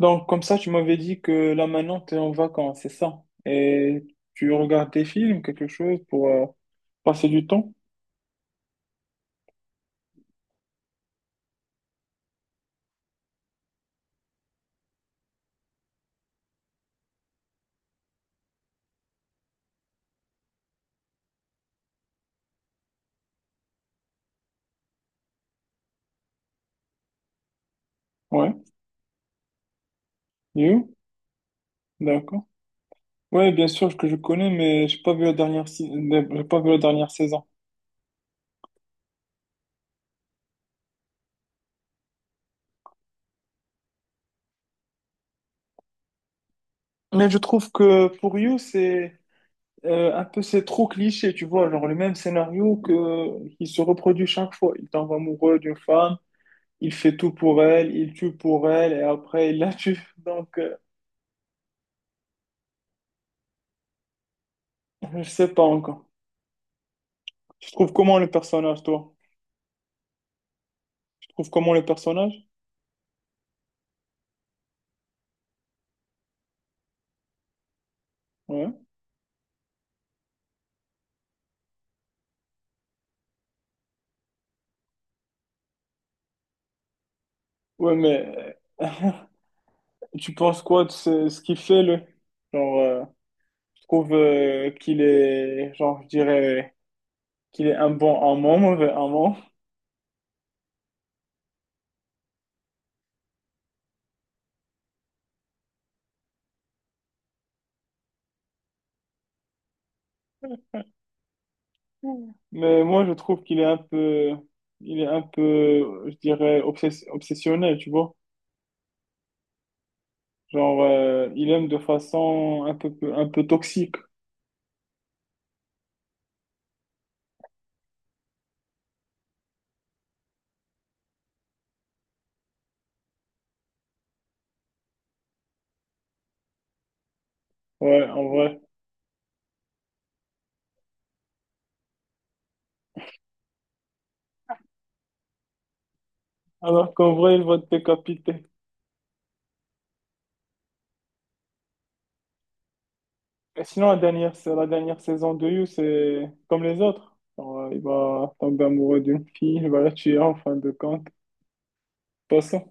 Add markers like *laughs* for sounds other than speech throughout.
Donc, comme ça, tu m'avais dit que là maintenant, tu es en vacances, c'est ça? Et tu regardes des films, quelque chose pour passer du temps? Ouais. You? D'accord. Ouais, bien sûr que je connais, mais j'ai pas vu la dernière, j'ai pas vu la dernière saison. Mais je trouve que pour You, c'est un peu c'est trop cliché, tu vois, genre le même scénario que qui se reproduit chaque fois. Il tombe amoureux d'une femme, il fait tout pour elle, il tue pour elle et après il la tue. *laughs* Donc, je sais pas encore. Tu trouves comment le personnage, toi? Tu trouves comment le personnage? Ouais. Ouais, mais tu penses quoi de ce qu'il fait, le Genre, je trouve qu'il est, genre, je dirais qu'il est un bon amant, mauvais amant. Mais moi, je trouve qu'il est un peu, je dirais, obsessionnel, tu vois. Genre, il aime de façon un peu toxique, ouais, en vrai. Alors qu'en vrai, il va te décapiter. Et sinon, la dernière, c'est la dernière saison de You, c'est comme les autres. Genre, il va tomber amoureux d'une fille, il va la tuer en fin de compte. Pas ça.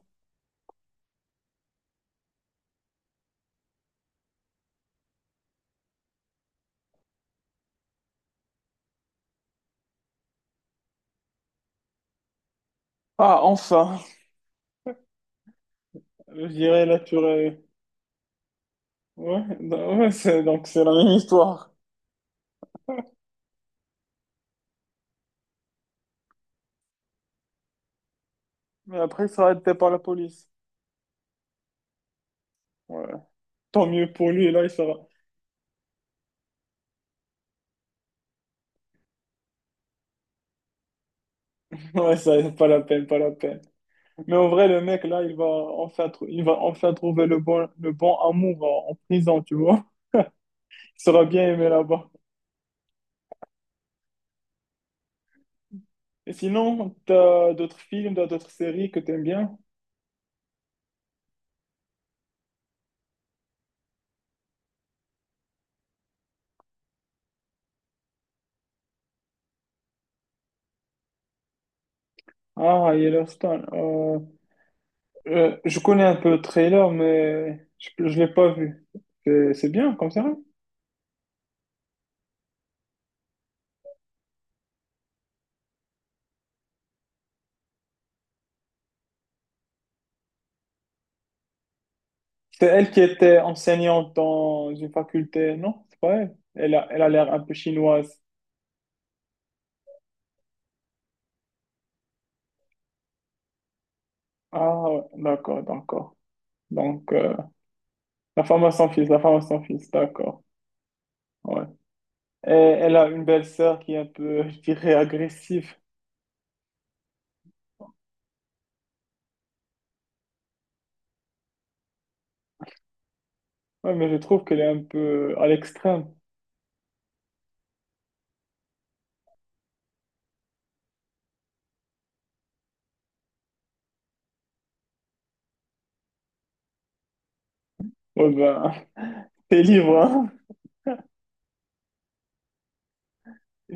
Ah, enfin, je dirais la tuerie. Ouais, ouais, c'est, donc c'est la même histoire. Mais après, il sera arrêté par la police. Ouais. Tant mieux pour lui, là, il sera. *laughs* Ouais, ça, pas la peine, pas la peine. Mais en vrai, le mec, là, il va enfin trouver le bon amour en prison, tu vois. *laughs* Il sera bien aimé là-bas. Et sinon, t'as d'autres films, t'as d'autres séries que t'aimes bien? Ah, Yellowstone. Je connais un peu le trailer, mais je ne l'ai pas vu. C'est bien comme ça. C'est elle qui était enseignante dans une faculté, non? C'est pas elle. Elle a, elle a l'air un peu chinoise. Ah, ouais, d'accord, d'accord. Donc, la femme à son fils, la femme à son fils, d'accord. Ouais. Et elle a une belle sœur qui est un peu, *laughs* je dirais, agressive. Ouais, mais je trouve qu'elle est un peu à l'extrême. Ouais, ben, *laughs* t'es libre, hein?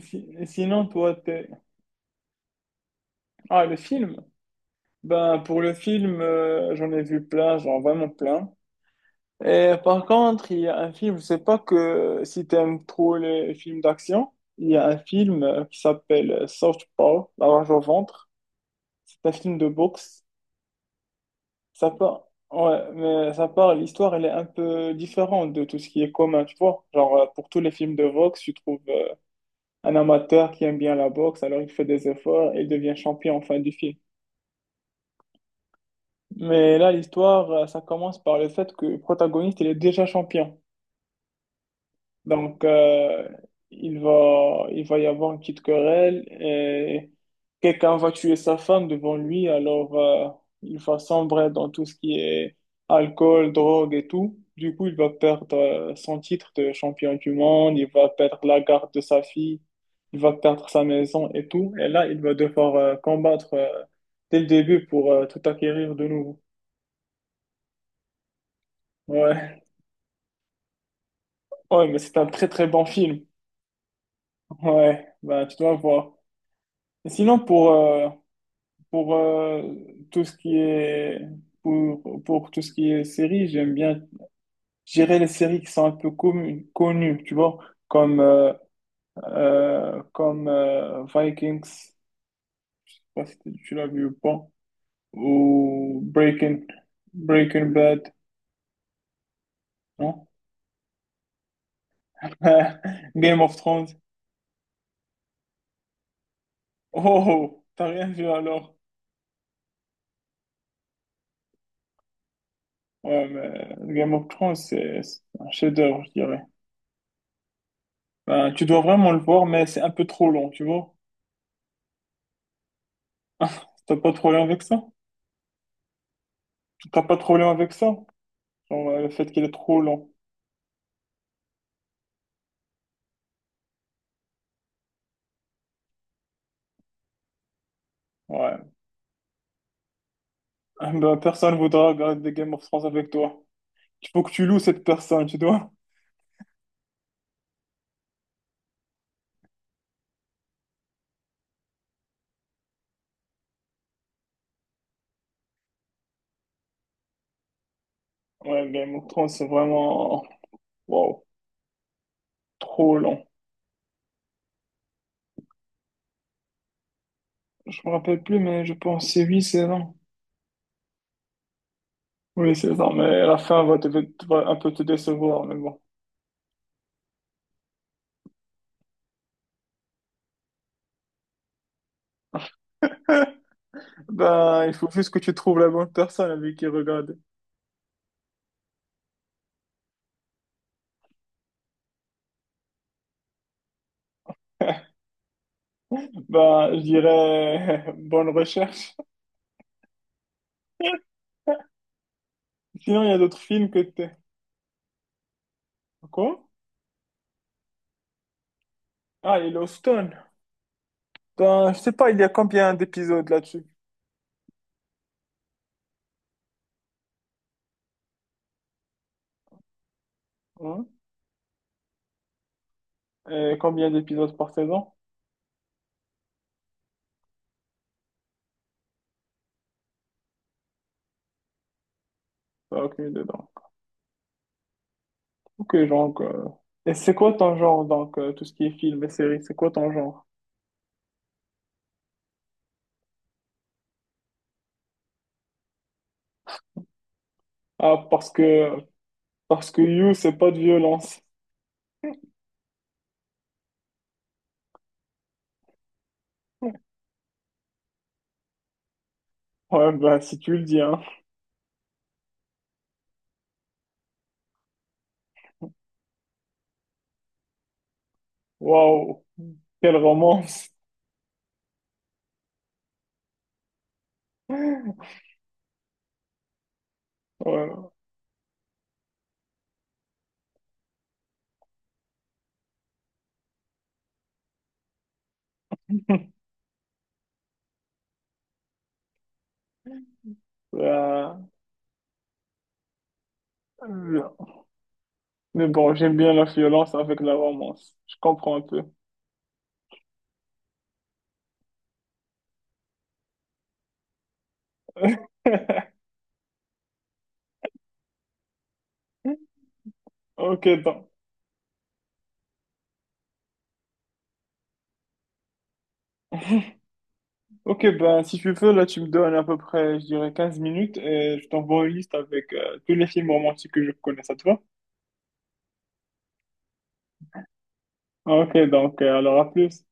Sinon, toi, t'es... Ah, le film? Ben, pour le film, j'en ai vu plein, genre vraiment plein. Et par contre, il y a un film, je sais pas que si t'aimes trop les films d'action, il y a un film qui s'appelle Southpaw, La rage au ventre. C'est un film de boxe. Ça parle... Ouais, mais ça parle, l'histoire, elle est un peu différente de tout ce qui est commun, tu vois. Genre, pour tous les films de boxe, tu trouves un amateur qui aime bien la boxe, alors il fait des efforts et il devient champion en fin du film. Mais là, l'histoire, ça commence par le fait que le protagoniste, il est déjà champion. Donc, il va y avoir une petite querelle et quelqu'un va tuer sa femme devant lui. Alors, il va sombrer dans tout ce qui est alcool, drogue et tout. Du coup, il va perdre, son titre de champion du monde. Il va perdre la garde de sa fille. Il va perdre sa maison et tout. Et là, il va devoir, combattre, dès le début pour, tout acquérir de nouveau. Ouais. Ouais, mais c'est un très très bon film. Ouais, bah tu dois voir. Et sinon pour tout ce qui est pour tout ce qui est série, j'aime bien gérer les séries qui sont un peu connues, tu vois, comme euh, comme Vikings, je sais pas si tu l'as vu ou pas, ou Breaking Bad, non? *laughs* Game of Thrones. Oh, oh, t'as rien vu alors? Ouais, mais Game of Thrones, c'est un chef-d'œuvre, je dirais. Ben, tu dois vraiment le voir, mais c'est un peu trop long, tu vois. *laughs* T'as pas trop long avec ça? T'as pas trop long avec ça? Genre, le fait qu'il est trop long. Ouais. *laughs* Ben, personne voudra regarder Game of Thrones avec toi. Il faut que tu loues cette personne, tu dois. *laughs* Ouais, Game of Thrones, c'est vraiment... Wow, trop long. Je me rappelle plus, mais je pense que c'est 8 saisons. Oui, c'est ça, mais la fin va un peu te décevoir, mais bon. *laughs* Ben, il faut juste que tu trouves la bonne personne avec qui regarder. *laughs* Ben, je dirais *laughs* bonne recherche. Sinon, il y a d'autres films que t'es. Quoi? Ah, Yellowstone. Ben, je sais pas, il y a combien d'épisodes là-dessus? Hein. Et combien d'épisodes par saison? Ben, aucune idée, donc. Ok, donc. Et c'est quoi ton genre, donc, tout ce qui est film et série, c'est quoi ton genre? Ah, parce que You, c'est pas de violence. Ouais, ben, si tu le dis, hein. Waouh, quelle romance. *laughs* Ouais. Euh, euh, mais bon, j'aime bien la violence avec la romance. Je comprends un peu. *laughs* Ok, ben. Ok, ben, si tu veux, là, tu me donnes à peu près, je dirais, 15 minutes et je t'envoie une liste avec tous les films romantiques que je connais, ça te va? Ok, donc, alors à plus.